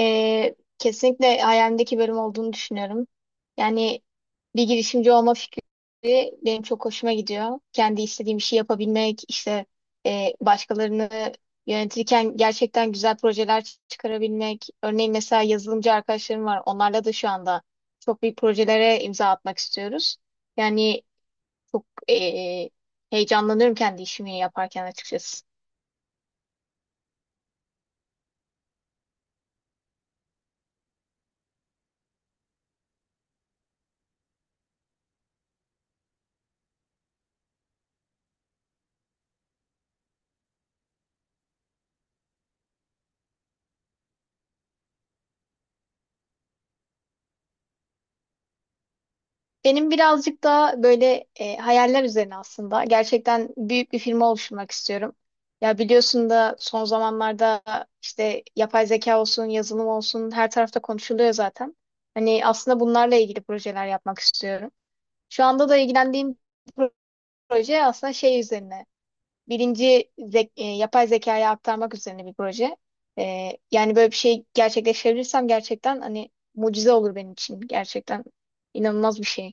Kesinlikle hayalimdeki bölüm olduğunu düşünüyorum. Yani bir girişimci olma fikri benim çok hoşuma gidiyor. Kendi istediğim işi yapabilmek, işte başkalarını yönetirken gerçekten güzel projeler çıkarabilmek. Örneğin mesela yazılımcı arkadaşlarım var. Onlarla da şu anda çok büyük projelere imza atmak istiyoruz. Yani çok heyecanlanıyorum kendi işimi yaparken açıkçası. Benim birazcık daha böyle hayaller üzerine aslında. Gerçekten büyük bir firma oluşturmak istiyorum. Ya biliyorsun da son zamanlarda işte yapay zeka olsun, yazılım olsun her tarafta konuşuluyor zaten. Hani aslında bunlarla ilgili projeler yapmak istiyorum. Şu anda da ilgilendiğim proje aslında şey üzerine. Yapay zekaya aktarmak üzerine bir proje. Yani böyle bir şey gerçekleştirirsem gerçekten hani mucize olur benim için. Gerçekten inanılmaz bir şey.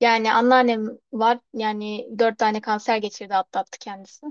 Yani anneannem var. Yani 4 tane kanser geçirdi, atlattı kendisi.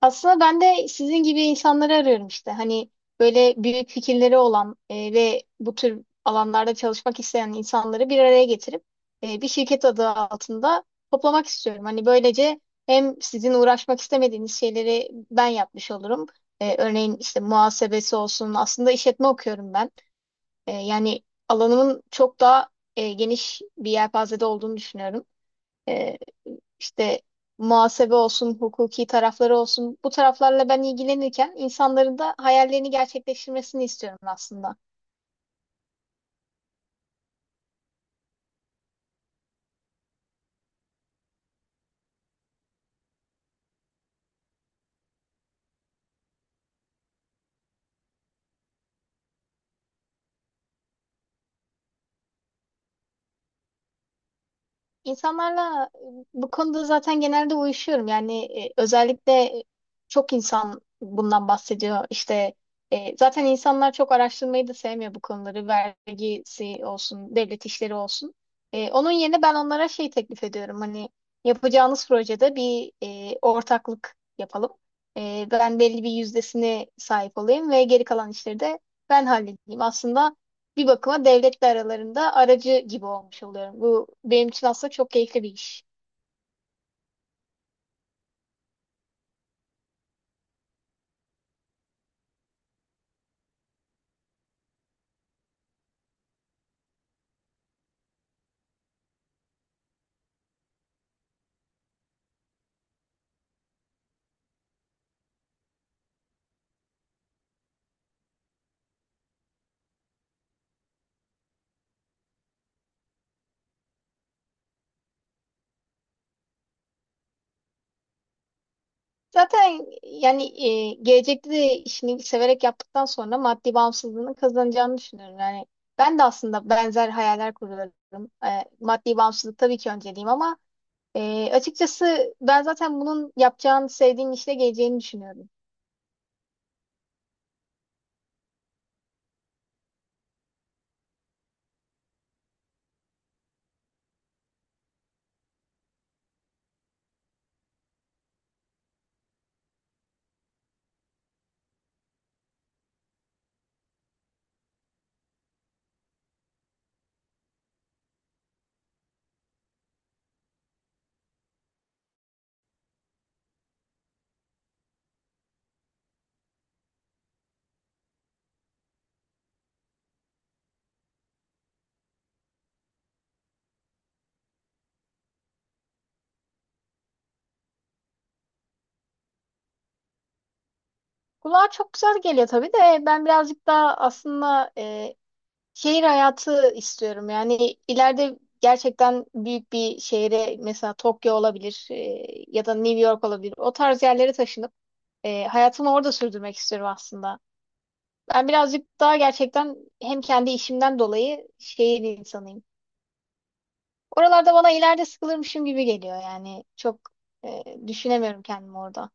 Aslında ben de sizin gibi insanları arıyorum işte. Hani böyle büyük fikirleri olan ve bu tür alanlarda çalışmak isteyen insanları bir araya getirip bir şirket adı altında toplamak istiyorum. Hani böylece hem sizin uğraşmak istemediğiniz şeyleri ben yapmış olurum. Örneğin işte muhasebesi olsun. Aslında işletme okuyorum ben. Yani alanımın çok daha geniş bir yelpazede olduğunu düşünüyorum. E, işte muhasebe olsun, hukuki tarafları olsun, bu taraflarla ben ilgilenirken insanların da hayallerini gerçekleştirmesini istiyorum aslında. İnsanlarla bu konuda zaten genelde uyuşuyorum. Yani özellikle çok insan bundan bahsediyor. İşte zaten insanlar çok araştırmayı da sevmiyor bu konuları. Vergisi olsun, devlet işleri olsun. Onun yerine ben onlara şey teklif ediyorum. Hani yapacağınız projede bir ortaklık yapalım. Ben belli bir yüzdesine sahip olayım ve geri kalan işleri de ben halledeyim. Aslında bir bakıma devletle aralarında aracı gibi olmuş oluyorum. Bu benim için aslında çok keyifli bir iş. Zaten yani gelecekte de işini severek yaptıktan sonra maddi bağımsızlığını kazanacağını düşünüyorum. Yani ben de aslında benzer hayaller kuruyorum. Maddi bağımsızlık tabii ki önceliğim ama açıkçası ben zaten bunun yapacağını sevdiğim işle geleceğini düşünüyorum. Kulağa çok güzel geliyor tabii de ben birazcık daha aslında şehir hayatı istiyorum. Yani ileride gerçekten büyük bir şehre, mesela Tokyo olabilir, ya da New York olabilir. O tarz yerlere taşınıp hayatımı orada sürdürmek istiyorum aslında. Ben birazcık daha gerçekten hem kendi işimden dolayı şehir insanıyım. Oralarda bana ileride sıkılırmışım gibi geliyor yani. Çok düşünemiyorum kendimi orada.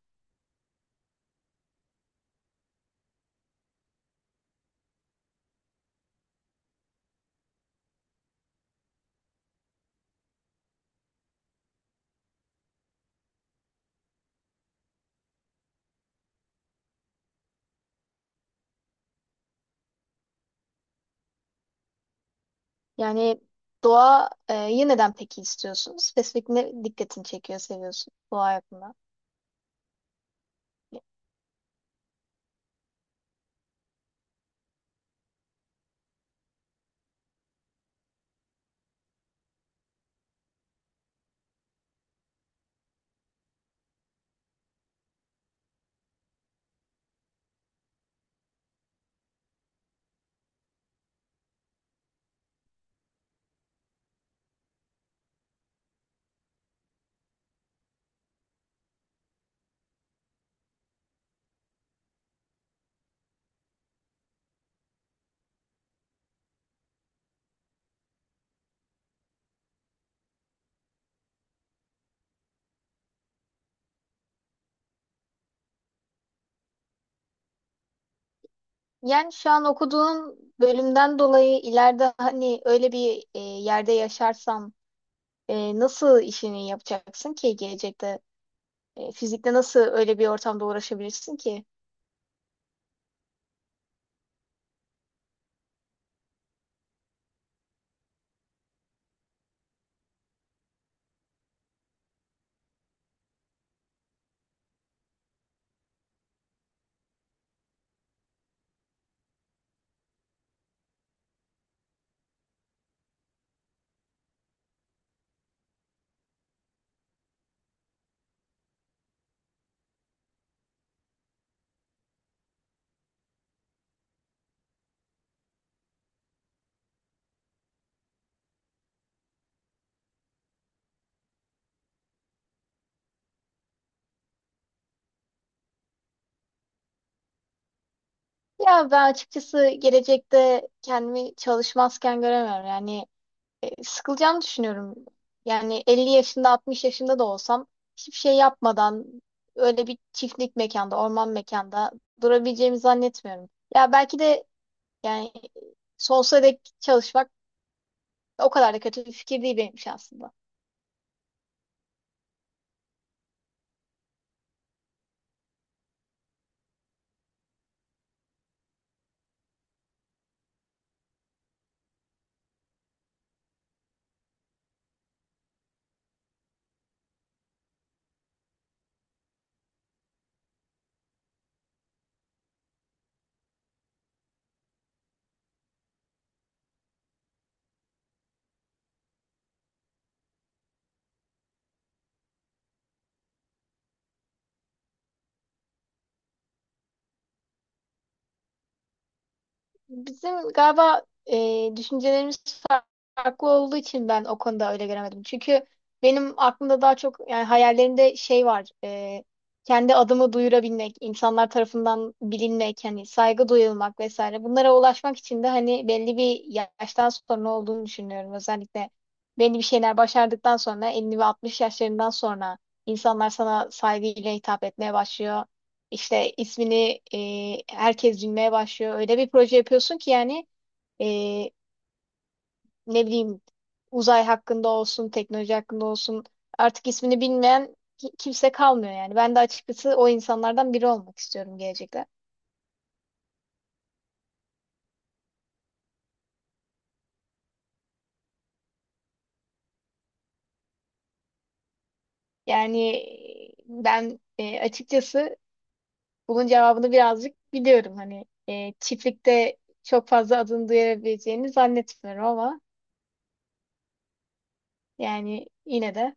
Yani doğa yeniden peki istiyorsunuz? Spesifik ne dikkatini çekiyor, seviyorsun doğa hakkında? Yani şu an okuduğum bölümden dolayı ileride hani öyle bir yerde yaşarsam nasıl işini yapacaksın ki gelecekte? Fizikte nasıl öyle bir ortamda uğraşabilirsin ki? Ya ben açıkçası gelecekte kendimi çalışmazken göremiyorum. Yani sıkılacağımı düşünüyorum. Yani 50 yaşında, 60 yaşında da olsam hiçbir şey yapmadan öyle bir çiftlik mekanda, orman mekanda durabileceğimi zannetmiyorum. Ya belki de yani sonsuza dek çalışmak o kadar da kötü bir fikir değil benim için aslında. Bizim galiba düşüncelerimiz farklı olduğu için ben o konuda öyle göremedim. Çünkü benim aklımda daha çok, yani hayallerimde şey var. Kendi adımı duyurabilmek, insanlar tarafından bilinmek, hani saygı duyulmak vesaire. Bunlara ulaşmak için de hani belli bir yaştan sonra olduğunu düşünüyorum. Özellikle belli bir şeyler başardıktan sonra, 50 ve 60 yaşlarından sonra insanlar sana saygıyla hitap etmeye başlıyor. İşte ismini herkes bilmeye başlıyor. Öyle bir proje yapıyorsun ki yani, e, ne bileyim, uzay hakkında olsun, teknoloji hakkında olsun, artık ismini bilmeyen kimse kalmıyor yani. Ben de açıkçası o insanlardan biri olmak istiyorum gelecekte. Yani ben açıkçası bunun cevabını birazcık biliyorum. Hani çiftlikte çok fazla adını duyabileceğini zannetmiyorum ama yani yine de.